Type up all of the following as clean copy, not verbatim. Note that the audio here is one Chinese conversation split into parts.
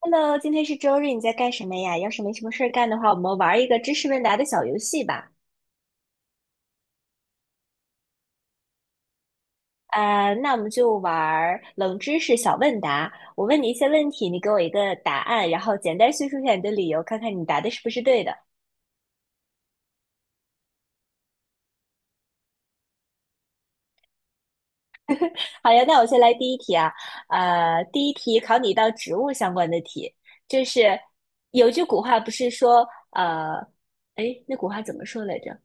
Hello，今天是周日，你在干什么呀？要是没什么事儿干的话，我们玩一个知识问答的小游戏吧。那我们就玩冷知识小问答。我问你一些问题，你给我一个答案，然后简单叙述一下你的理由，看看你答的是不是对的。好呀，那我先来第一题啊。第一题考你一道植物相关的题，就是,有句古话不是说，哎，那古话怎么说来着？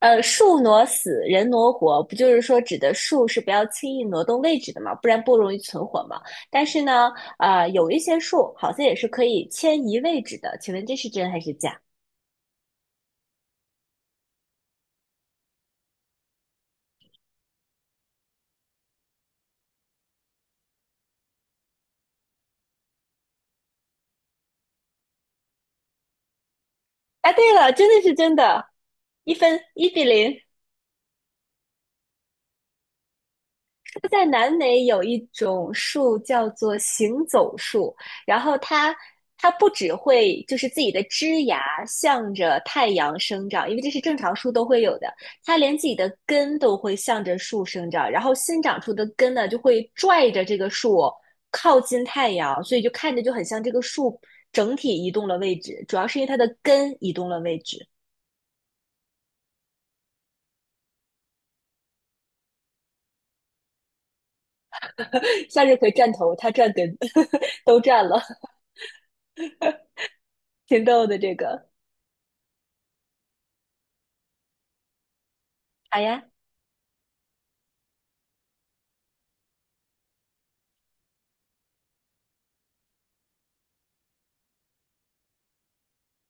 树挪死，人挪活，不就是说指的树是不要轻易挪动位置的嘛，不然不容易存活嘛。但是呢，啊，有一些树好像也是可以迁移位置的，请问这是真还是假？哎，对了，真的是真的，一分一比零。在南美有一种树叫做行走树，然后它不只会就是自己的枝芽向着太阳生长，因为这是正常树都会有的，它连自己的根都会向着树生长，然后新长出的根呢就会拽着这个树靠近太阳，所以就看着就很像这个树整体移动了位置，主要是因为它的根移动了位置。向日葵站头，它站根，都站了，挺逗的这个。好呀。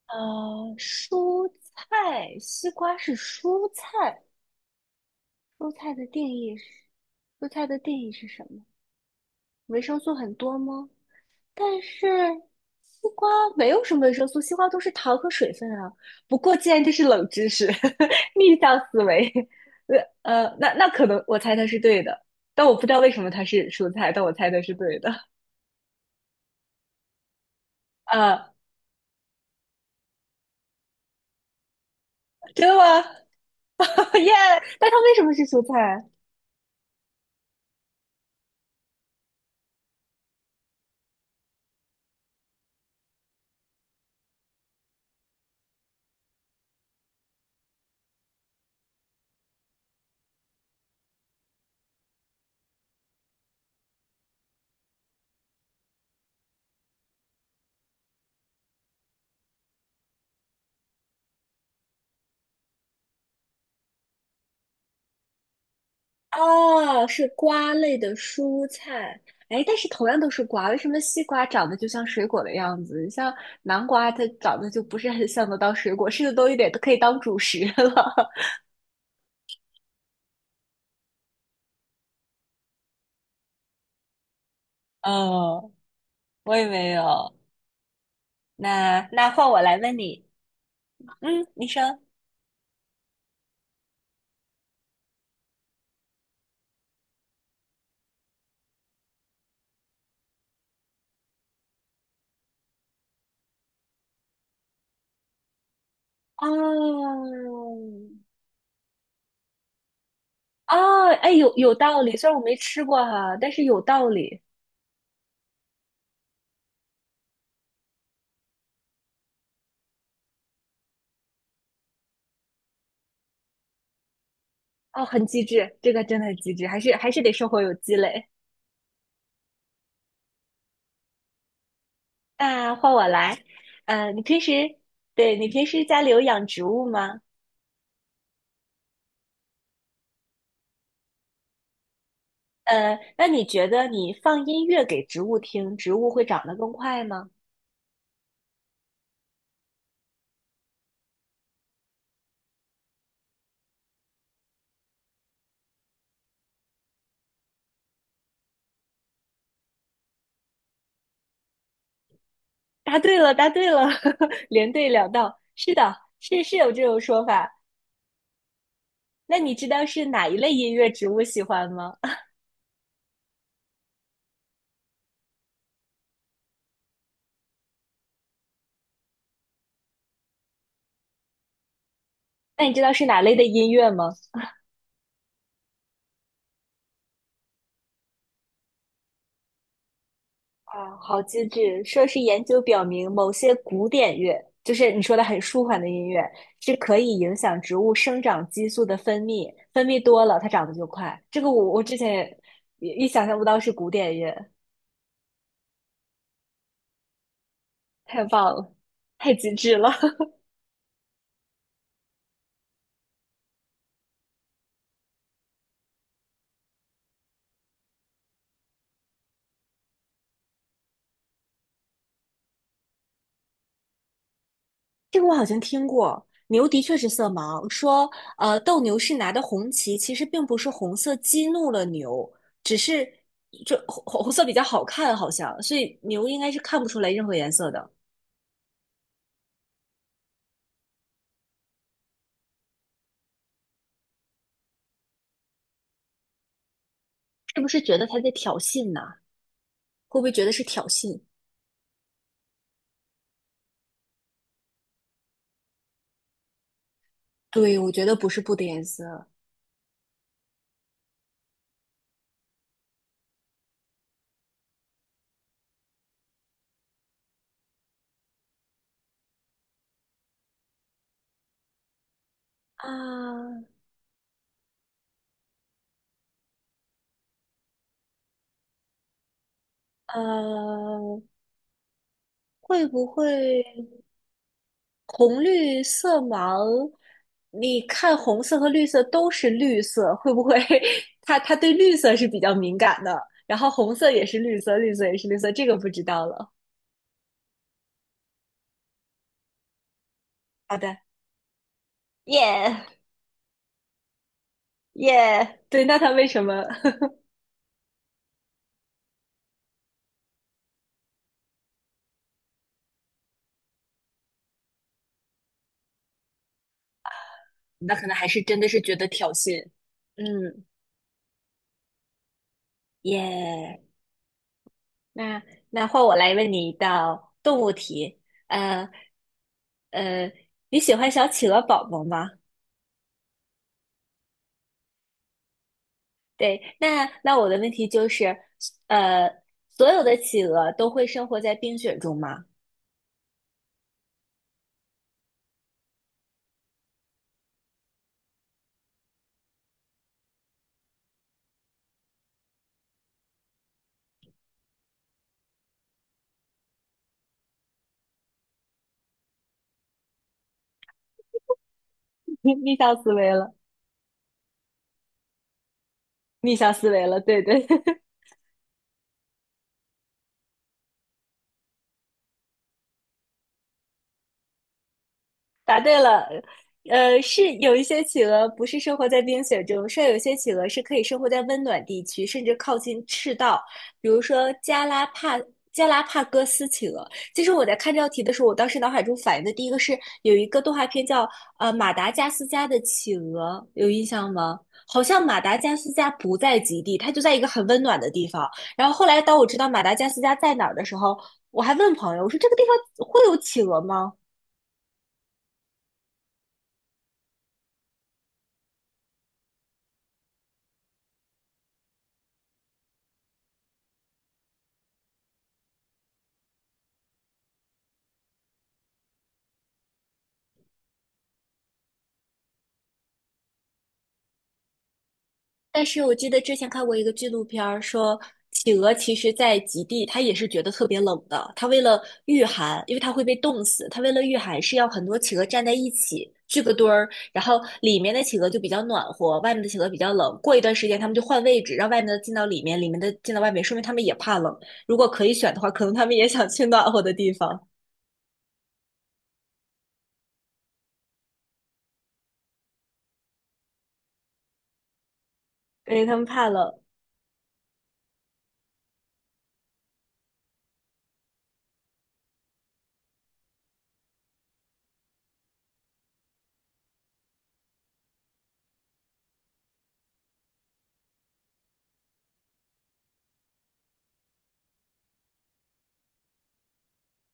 蔬菜，西瓜是蔬菜，维生素很多吗？但是西瓜没有什么维生素，西瓜都是糖和水分啊。不过既然这是冷知识，逆向思维，那可能我猜它是对的，但我不知道为什么它是蔬菜，但我猜它是对的。呃，真的吗？耶！但它为什么是蔬菜啊？哦，是瓜类的蔬菜。哎，但是同样都是瓜，为什么西瓜长得就像水果的样子？像南瓜，它长得就不是很像得到水果，吃的多一点都可以当主食了。哦，我也没有。那换我来问你，嗯，你说，哦，哦，哎，有道理，虽然我没吃过哈，但是有道理。哦，很机智，这个真的很机智，还是得生活有积累。那换我来，你平时，对，你平时家里有养植物吗？那你觉得你放音乐给植物听，植物会长得更快吗？答对了，答对了，连对两道。是的，是有这种说法。那你知道是哪一类音乐植物喜欢吗？那你知道是哪类的音乐吗？啊，好机智！说是研究表明，某些古典乐，就是你说的很舒缓的音乐，是可以影响植物生长激素的分泌，分泌多了，它长得就快。这个我之前也想象不到是古典乐，太棒了，太机智了！这个我好像听过，牛的确是色盲，说斗牛士拿的红旗其实并不是红色激怒了牛，只是这红色比较好看，好像，所以牛应该是看不出来任何颜色的。是不是觉得他在挑衅呢？会不会觉得是挑衅？对，我觉得不是布的颜色啊，呃，会不会红绿色盲？你看红色和绿色都是绿色，会不会 他对绿色是比较敏感的？然后红色也是绿色，绿色也是绿色，这个不知道了。好的，耶耶，对，那他为什么？那可能还是真的是觉得挑衅。嗯，耶、那换我来问你一道动物题，呃呃，你喜欢小企鹅宝宝吗？对，那我的问题就是，呃，所有的企鹅都会生活在冰雪中吗？逆向思维了，逆向思维了，对对，答对了，是有一些企鹅不是生活在冰雪中，是有一些企鹅是可以生活在温暖地区，甚至靠近赤道，比如说加拉帕戈斯企鹅。其实我在看这道题的时候，我当时脑海中反应的第一个是有一个动画片叫《马达加斯加的企鹅》，有印象吗？好像马达加斯加不在极地，它就在一个很温暖的地方。然后后来当我知道马达加斯加在哪儿的时候，我还问朋友，我说这个地方会有企鹅吗？但是我记得之前看过一个纪录片儿，说企鹅其实在极地，它也是觉得特别冷的。它为了御寒，因为它会被冻死，它为了御寒是要很多企鹅站在一起聚个堆儿，然后里面的企鹅就比较暖和，外面的企鹅比较冷。过一段时间，它们就换位置，让外面的进到里面，里面的进到外面，说明它们也怕冷。如果可以选的话，可能它们也想去暖和的地方，因为它们怕冷。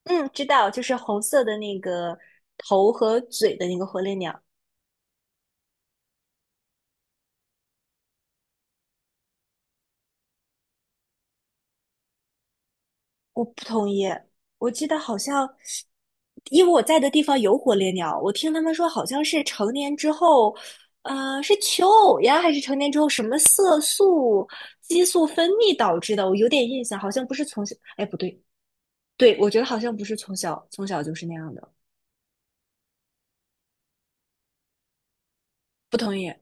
嗯，知道，就是红色的那个头和嘴的那个火烈鸟。我不同意。我记得好像，因为我在的地方有火烈鸟，我听他们说好像是成年之后，是求偶呀，还是成年之后什么色素、激素分泌导致的？我有点印象，好像不是从小，哎，不对，对，我觉得好像不是从小就是那样的。不同意。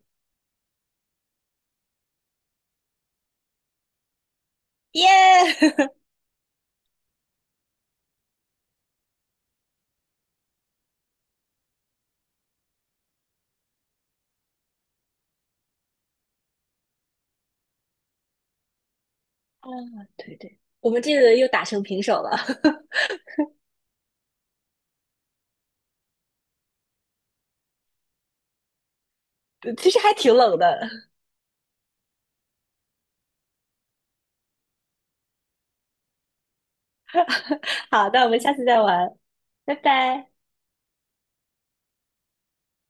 耶！啊，对对，我们这个又打成平手了，其实还挺冷的。好，那我们下次再玩，拜拜。